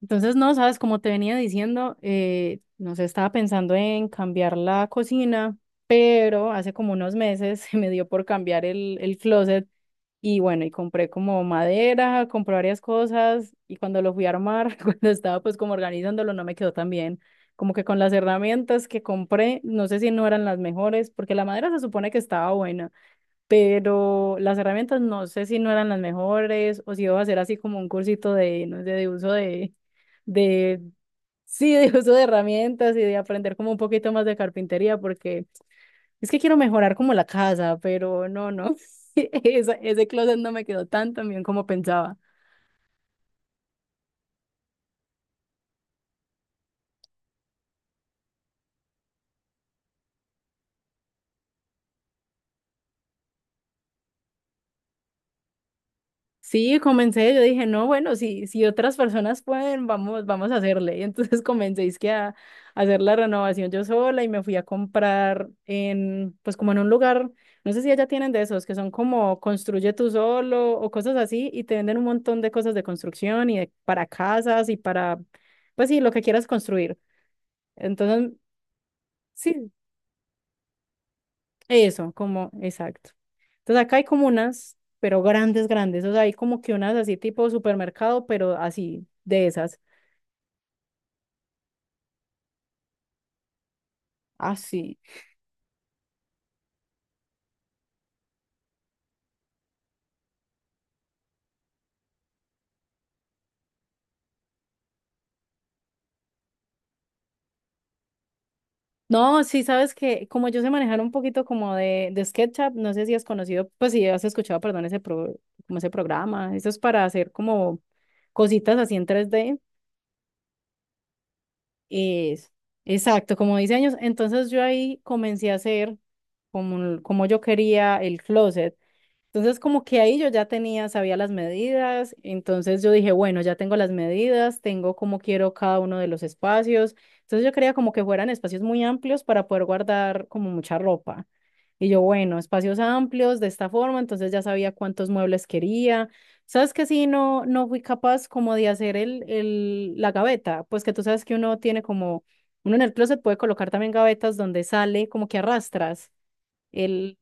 Entonces, no, sabes, como te venía diciendo, no sé, estaba pensando en cambiar la cocina, pero hace como unos meses se me dio por cambiar el closet y bueno, y compré como madera, compré varias cosas y cuando lo fui a armar, cuando estaba pues como organizándolo, no me quedó tan bien. Como que con las herramientas que compré, no sé si no eran las mejores, porque la madera se supone que estaba buena, pero las herramientas no sé si no eran las mejores o si iba a hacer así como un cursito de, no sé, de uso de, de, sí, de uso de herramientas y de aprender como un poquito más de carpintería, porque es que quiero mejorar como la casa, pero no, no, ese closet no me quedó tan tan bien como pensaba. Sí, comencé, yo dije, no, bueno, si, si otras personas pueden, vamos, vamos a hacerle. Y entonces comencé es que a hacer la renovación yo sola y me fui a comprar en, pues como en un lugar, no sé si allá tienen de esos, que son como construye tú solo o cosas así y te venden un montón de cosas de construcción y para casas y para, pues sí, lo que quieras construir. Entonces, sí. Eso, como, exacto. Entonces acá hay como unas, pero grandes, grandes. O sea, hay como que unas así tipo supermercado, pero así, de esas. Así. No, sí, sabes que como yo sé manejar un poquito como de SketchUp, no sé si has conocido, pues si has escuchado, perdón, ese como ese programa. Eso es para hacer como cositas así en tres d. Es, exacto, como diseños. Entonces yo ahí comencé a hacer como, como yo quería el closet. Entonces, como que ahí yo ya tenía, sabía las medidas, entonces yo dije, bueno, ya tengo las medidas, tengo cómo quiero cada uno de los espacios. Entonces yo quería como que fueran espacios muy amplios para poder guardar como mucha ropa. Y yo, bueno, espacios amplios de esta forma, entonces ya sabía cuántos muebles quería. ¿Sabes que sí? No, no fui capaz como de hacer la gaveta, pues que tú sabes que uno tiene como, uno en el closet puede colocar también gavetas donde sale como que arrastras el.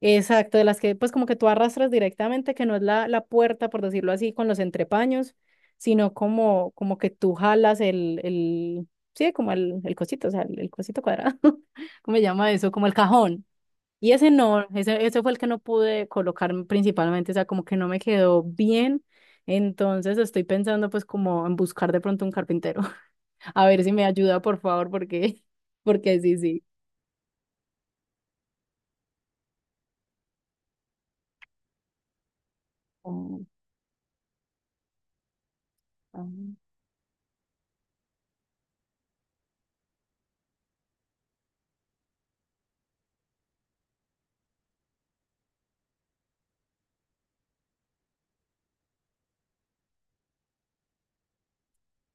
Exacto, de las que pues como que tú arrastras directamente, que no es la puerta, por decirlo así, con los entrepaños, sino como, como que tú jalas sí, como el cosito, o sea, el cosito cuadrado, ¿cómo se llama eso? Como el cajón. Y ese no, ese fue el que no pude colocar principalmente, o sea, como que no me quedó bien. Entonces estoy pensando pues como en buscar de pronto un carpintero, a ver si me ayuda, por favor, porque, porque sí, sí. Oh, ah,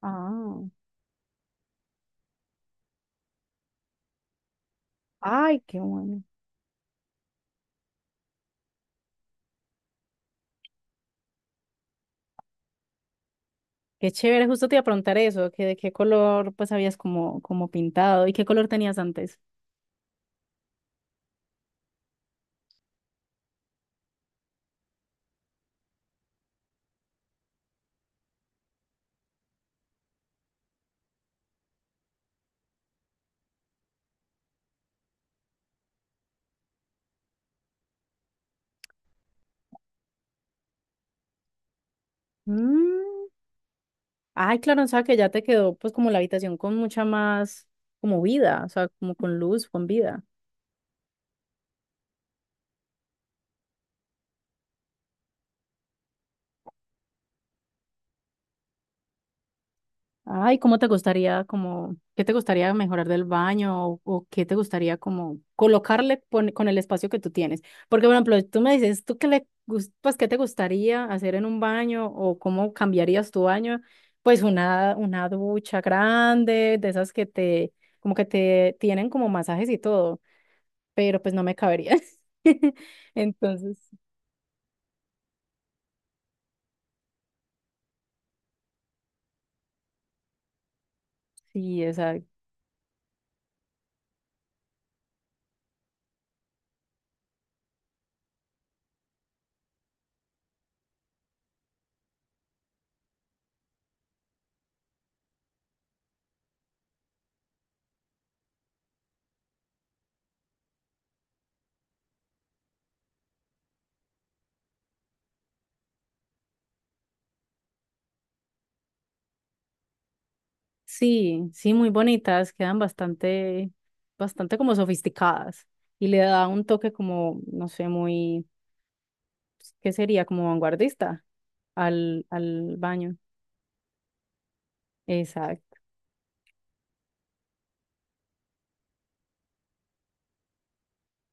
ah. Ay, qué bueno. Qué chévere, justo te iba a preguntar eso, que de qué color pues habías como, como pintado y qué color tenías antes. Mm. Ay, claro, o sea que ya te quedó pues como la habitación con mucha más como vida, o sea, como con luz, con vida. Ay, ¿cómo te gustaría, como, qué te gustaría mejorar del baño o qué te gustaría como colocarle con, el espacio que tú tienes? Porque, por ejemplo, tú me dices, ¿tú qué le, pues, qué te gustaría hacer en un baño o cómo cambiarías tu baño? Pues una ducha grande, de esas que te, como que te tienen como masajes y todo, pero pues no me cabería. Entonces, sí. Sí, sí, muy bonitas, quedan bastante, bastante como sofisticadas y le da un toque como, no sé, muy, ¿qué sería? Como vanguardista al baño.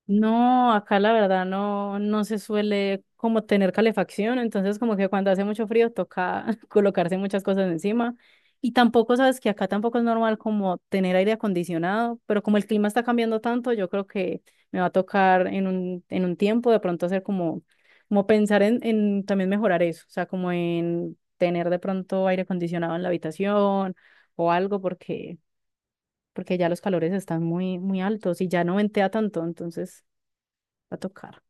No, acá la verdad no, no se suele como tener calefacción, entonces como que cuando hace mucho frío toca colocarse muchas cosas encima. Y tampoco sabes que acá tampoco es normal como tener aire acondicionado, pero como el clima está cambiando tanto, yo creo que me va a tocar en un tiempo de pronto hacer como, como pensar en también mejorar eso, o sea, como en tener de pronto aire acondicionado en la habitación o algo porque, porque ya los calores están muy, muy altos y ya no ventea tanto, entonces... Va a tocar.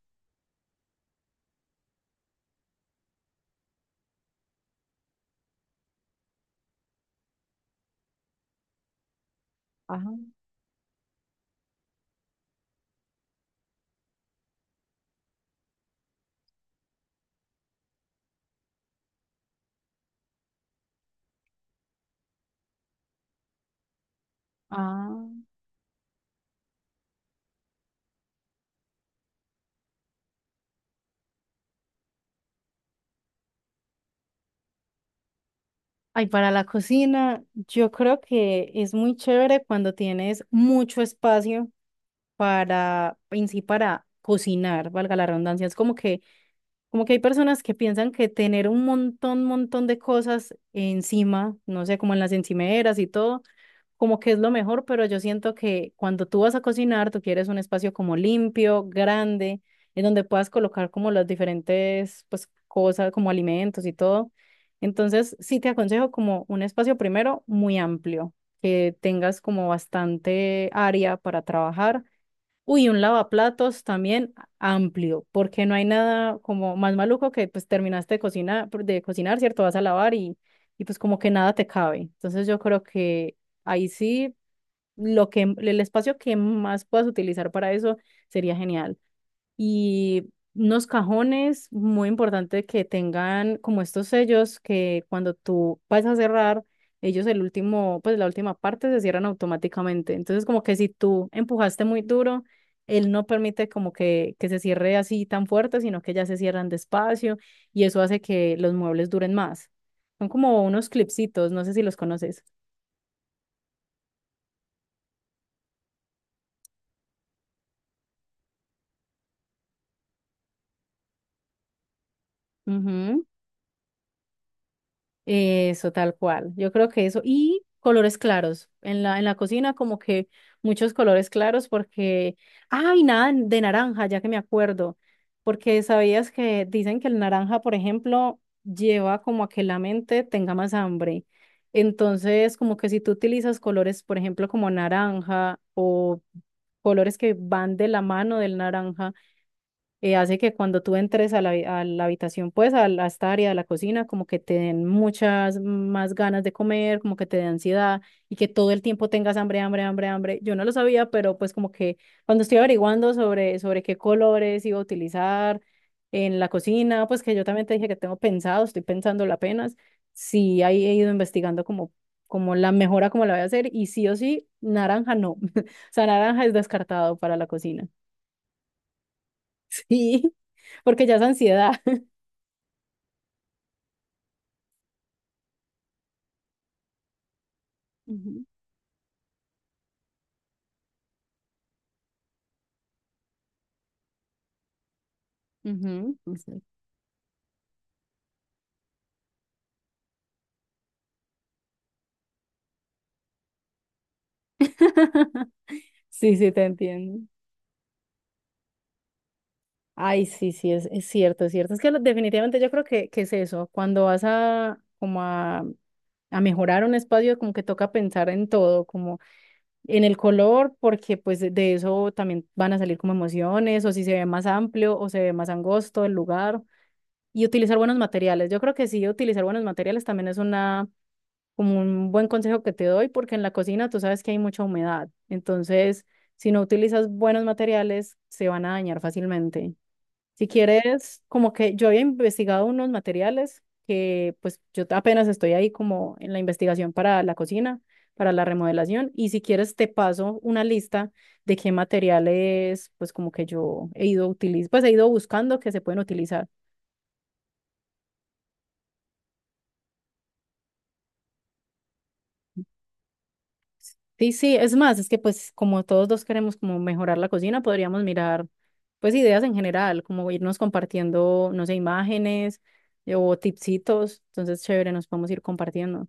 Ajá. Ah. Ay, para la cocina, yo creo que es muy chévere cuando tienes mucho espacio para, en sí, para cocinar, valga la redundancia. Es como que hay personas que piensan que tener un montón, montón de cosas encima, no sé, como en las encimeras y todo, como que es lo mejor, pero yo siento que cuando tú vas a cocinar, tú quieres un espacio como limpio, grande, en donde puedas colocar como las diferentes, pues, cosas, como alimentos y todo. Entonces, sí te aconsejo como un espacio primero muy amplio, que tengas como bastante área para trabajar. Uy, un lavaplatos también amplio, porque no hay nada como más maluco que pues terminaste de cocinar, ¿cierto? Vas a lavar y pues como que nada te cabe. Entonces yo creo que ahí sí, lo que el espacio que más puedas utilizar para eso sería genial, y unos cajones muy importante que tengan como estos sellos que cuando tú vas a cerrar, ellos el último, pues la última parte se cierran automáticamente. Entonces como que si tú empujaste muy duro, él no permite como que, se cierre así tan fuerte, sino que ya se cierran despacio, y eso hace que los muebles duren más. Son como unos clipsitos, no sé si los conoces. Eso, tal cual. Yo creo que eso. Y colores claros. En la cocina, como que muchos colores claros, porque. ¡Ay, nada de naranja! Ya que me acuerdo. Porque sabías que dicen que el naranja, por ejemplo, lleva como a que la mente tenga más hambre. Entonces, como que si tú utilizas colores, por ejemplo, como naranja o colores que van de la mano del naranja, hace que cuando tú entres a la, a la habitación, pues a, a esta área de la cocina, como que te den muchas más ganas de comer, como que te dé ansiedad y que todo el tiempo tengas hambre, hambre, hambre, hambre. Yo no lo sabía, pero pues como que cuando estoy averiguando sobre, sobre qué colores iba a utilizar en la cocina, pues que yo también te dije que tengo pensado, estoy pensándolo apenas, sí ahí he ido investigando como, como la mejora, como la voy a hacer, y sí o sí, naranja no. O sea, naranja es descartado para la cocina. Sí, porque ya es ansiedad. Ujú, ujú, exacto. Sí, sí, te entiendo. Ay, sí, sí, es cierto, es cierto. Es que definitivamente yo creo que es eso. Cuando vas a como a mejorar un espacio, como que toca pensar en todo, como en el color, porque pues de eso también van a salir como emociones, o si se ve más amplio o se ve más angosto el lugar, y utilizar buenos materiales. Yo creo que sí, utilizar buenos materiales también es una como un buen consejo que te doy, porque en la cocina tú sabes que hay mucha humedad. Entonces, si no utilizas buenos materiales, se van a dañar fácilmente. Si quieres, como que yo había investigado unos materiales que pues yo apenas estoy ahí como en la investigación para la cocina, para la remodelación. Y si quieres, te paso una lista de qué materiales pues como que yo he ido utilizando, pues he ido buscando que se pueden utilizar. Sí, sí, es más, es que pues como todos dos queremos como mejorar la cocina, podríamos mirar pues ideas en general, como irnos compartiendo, no sé, imágenes, o tipsitos, entonces chévere, nos podemos ir compartiendo.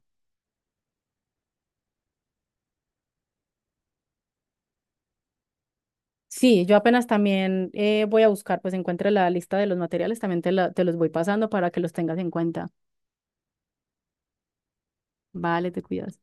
Sí, yo apenas también voy a buscar, pues encuentre la lista de los materiales, también te, te los voy pasando para que los tengas en cuenta. Vale, te cuidas.